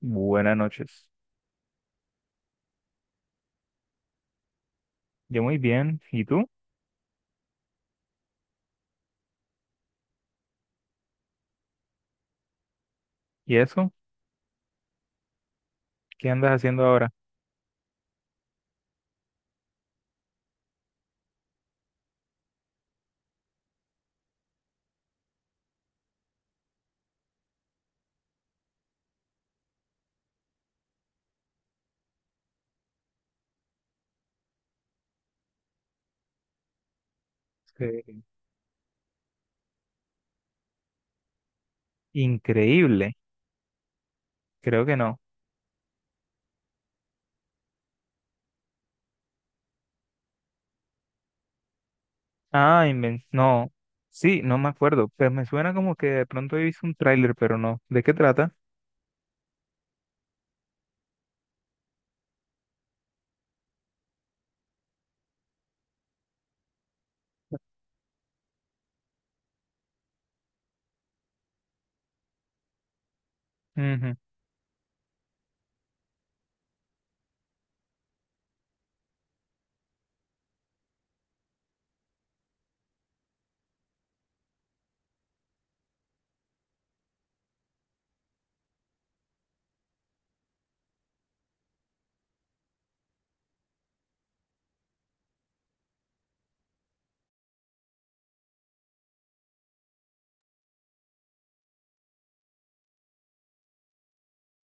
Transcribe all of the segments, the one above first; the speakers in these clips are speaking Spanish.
Buenas noches. Yo muy bien. ¿Y tú? ¿Y eso? ¿Qué andas haciendo ahora? Eh, Increíble. Creo que no. No. Sí, no me acuerdo. Pero me suena como que de pronto he visto un tráiler, pero no. ¿De qué trata? Ujú.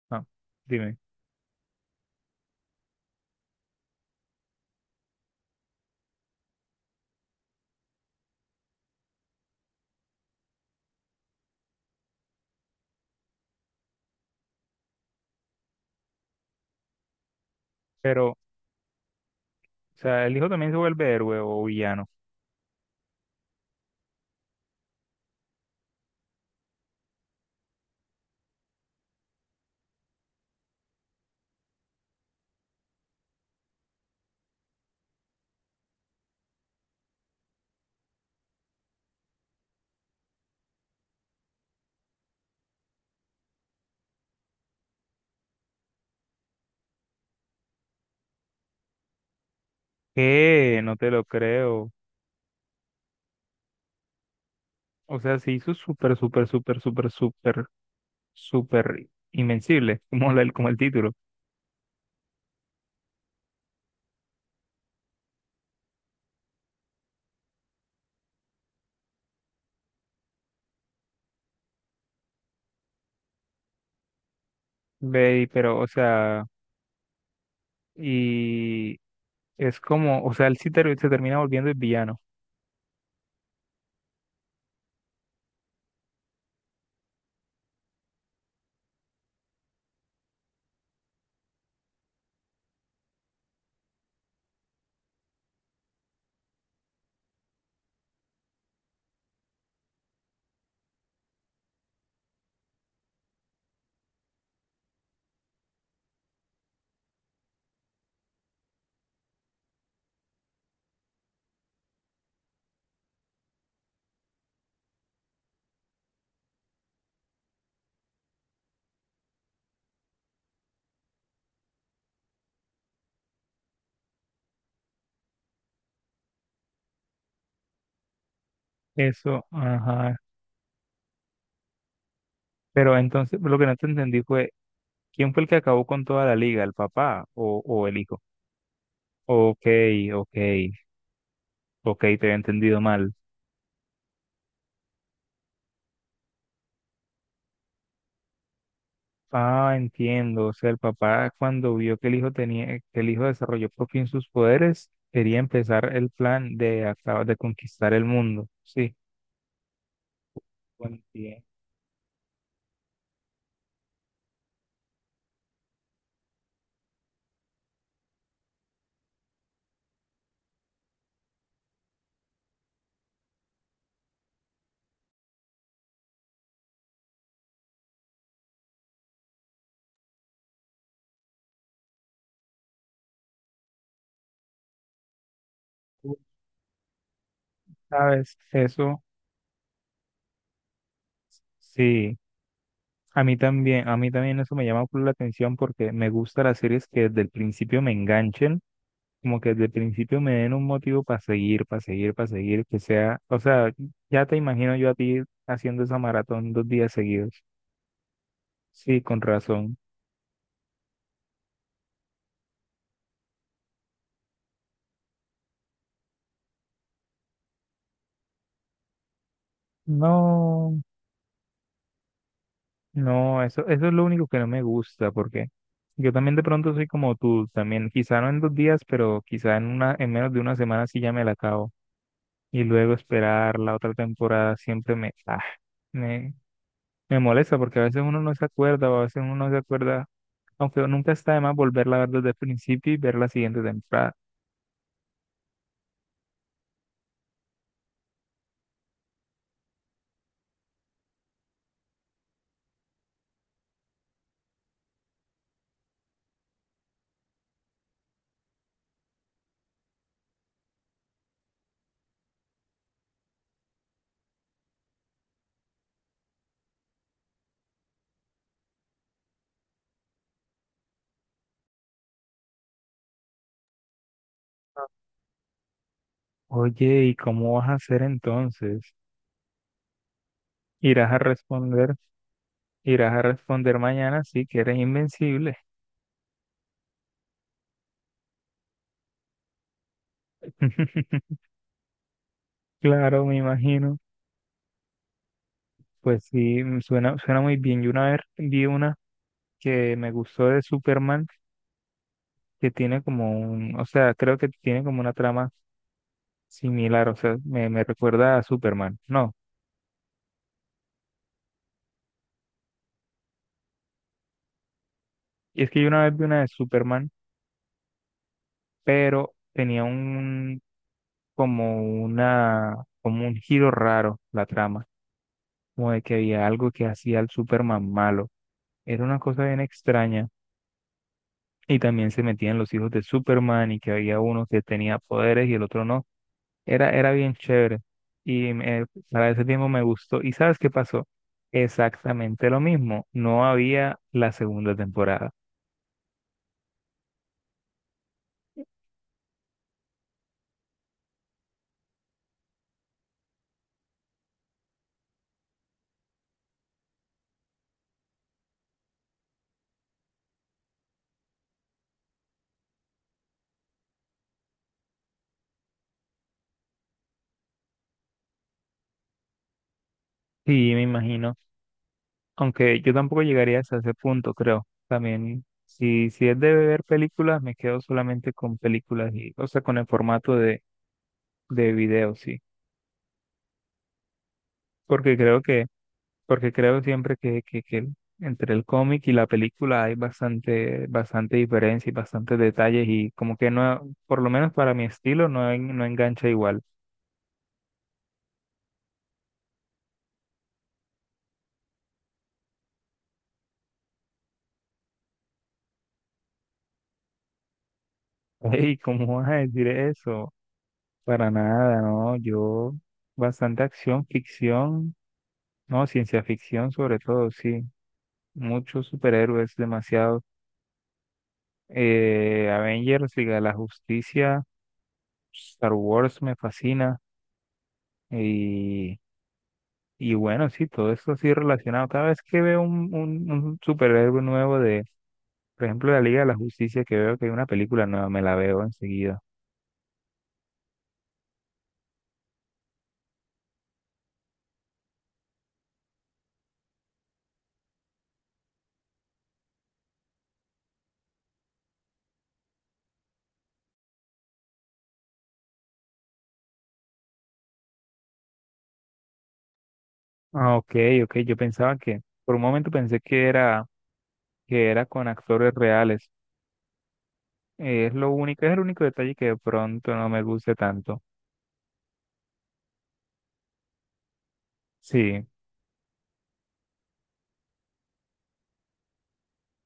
No, dime. Pero, o sea, ¿el hijo también se vuelve héroe o villano? ¿Qué? No te lo creo. O sea, se hizo súper, súper, súper, súper, súper, súper invencible, como como el título. Ve, pero, o sea, y es como, o sea, se termina volviendo el villano. Eso, ajá. Pero entonces lo que no te entendí fue, ¿quién fue el que acabó con toda la liga? ¿El papá o el hijo? Ok, ok, ok, te había entendido mal. Ah, entiendo. O sea, el papá cuando vio que el hijo desarrolló por fin sus poderes, quería empezar el plan de acabar de conquistar el mundo. Sí, buen día. ¿Sabes eso? Sí. A mí también eso me llama por la atención porque me gustan las series que desde el principio me enganchen, como que desde el principio me den un motivo para seguir, para seguir, para seguir, que sea, o sea, ya te imagino yo a ti haciendo esa maratón dos días seguidos. Sí, con razón. No, no, eso es lo único que no me gusta porque yo también de pronto soy como tú, también, quizá no en dos días, pero quizá en una, en menos de una semana sí ya me la acabo y luego esperar la otra temporada siempre me me molesta porque a veces uno no se acuerda o a veces uno no se acuerda, aunque nunca está de más volverla a ver desde el principio y ver la siguiente temporada. Oye, ¿y cómo vas a hacer entonces? Irás a responder, irás a responder mañana sí que eres invencible. Claro, me imagino. Pues sí, mm, suena muy bien. Yo una vez vi una que me gustó de Superman, que tiene como o sea, creo que tiene como una trama similar. O sea, me recuerda a Superman. No, y es que yo una vez vi una de Superman pero tenía un como una como un giro raro la trama, como de que había algo que hacía al Superman malo. Era una cosa bien extraña y también se metían los hijos de Superman y que había uno que tenía poderes y el otro no. Era bien chévere y para ese tiempo me gustó. ¿Y sabes qué pasó? Exactamente lo mismo, no había la segunda temporada. Sí, me imagino. Aunque yo tampoco llegaría hasta ese punto, creo. También, si es de ver películas, me quedo solamente con películas y, o sea, con el formato de video, sí. Porque creo que, porque creo siempre que entre el cómic y la película hay bastante, bastante diferencia y bastantes detalles, y como que no, por lo menos para mi estilo, no, no engancha igual. ¿Y cómo vas a decir eso? Para nada, no, yo bastante acción, ficción, no, ciencia ficción sobre todo, sí. Muchos superhéroes, demasiado. Avengers, Liga de la Justicia, Star Wars me fascina. Y, y bueno, sí, todo esto así relacionado. Cada vez que veo un superhéroe nuevo de, por ejemplo, la Liga de la Justicia, que veo que hay una película nueva, me la veo enseguida. Ah, ok, ok, por un momento pensé que era con actores reales. Es el único detalle que de pronto no me guste tanto. Sí,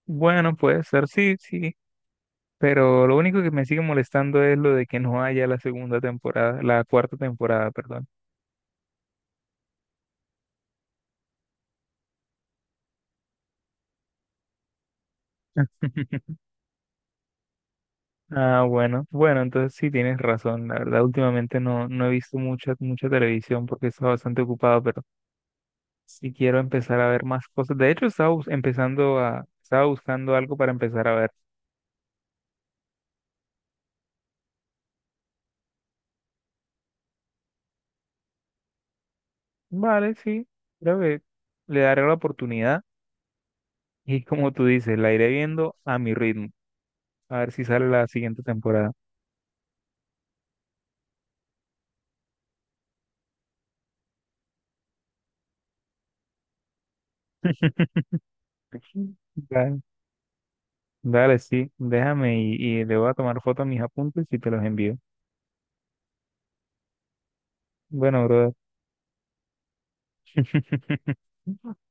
bueno, puede ser, sí, sí. Pero lo único que me sigue molestando es lo de que no haya la cuarta temporada, perdón. Ah, bueno, bueno, entonces sí tienes razón. La verdad, últimamente no he visto mucha, mucha televisión porque he estado bastante ocupado, pero sí quiero empezar a ver más cosas. De hecho, estaba buscando algo para empezar a ver. Vale, sí, creo que le daré la oportunidad y como tú dices, la iré viendo a mi ritmo, a ver si sale la siguiente temporada. Vale. Dale, sí, y le voy a tomar foto a mis apuntes y te los envío. Bueno, brother.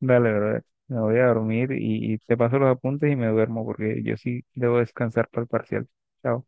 Dale, brother. Me voy a dormir y te paso los apuntes y me duermo porque yo sí debo descansar para el parcial. Chao.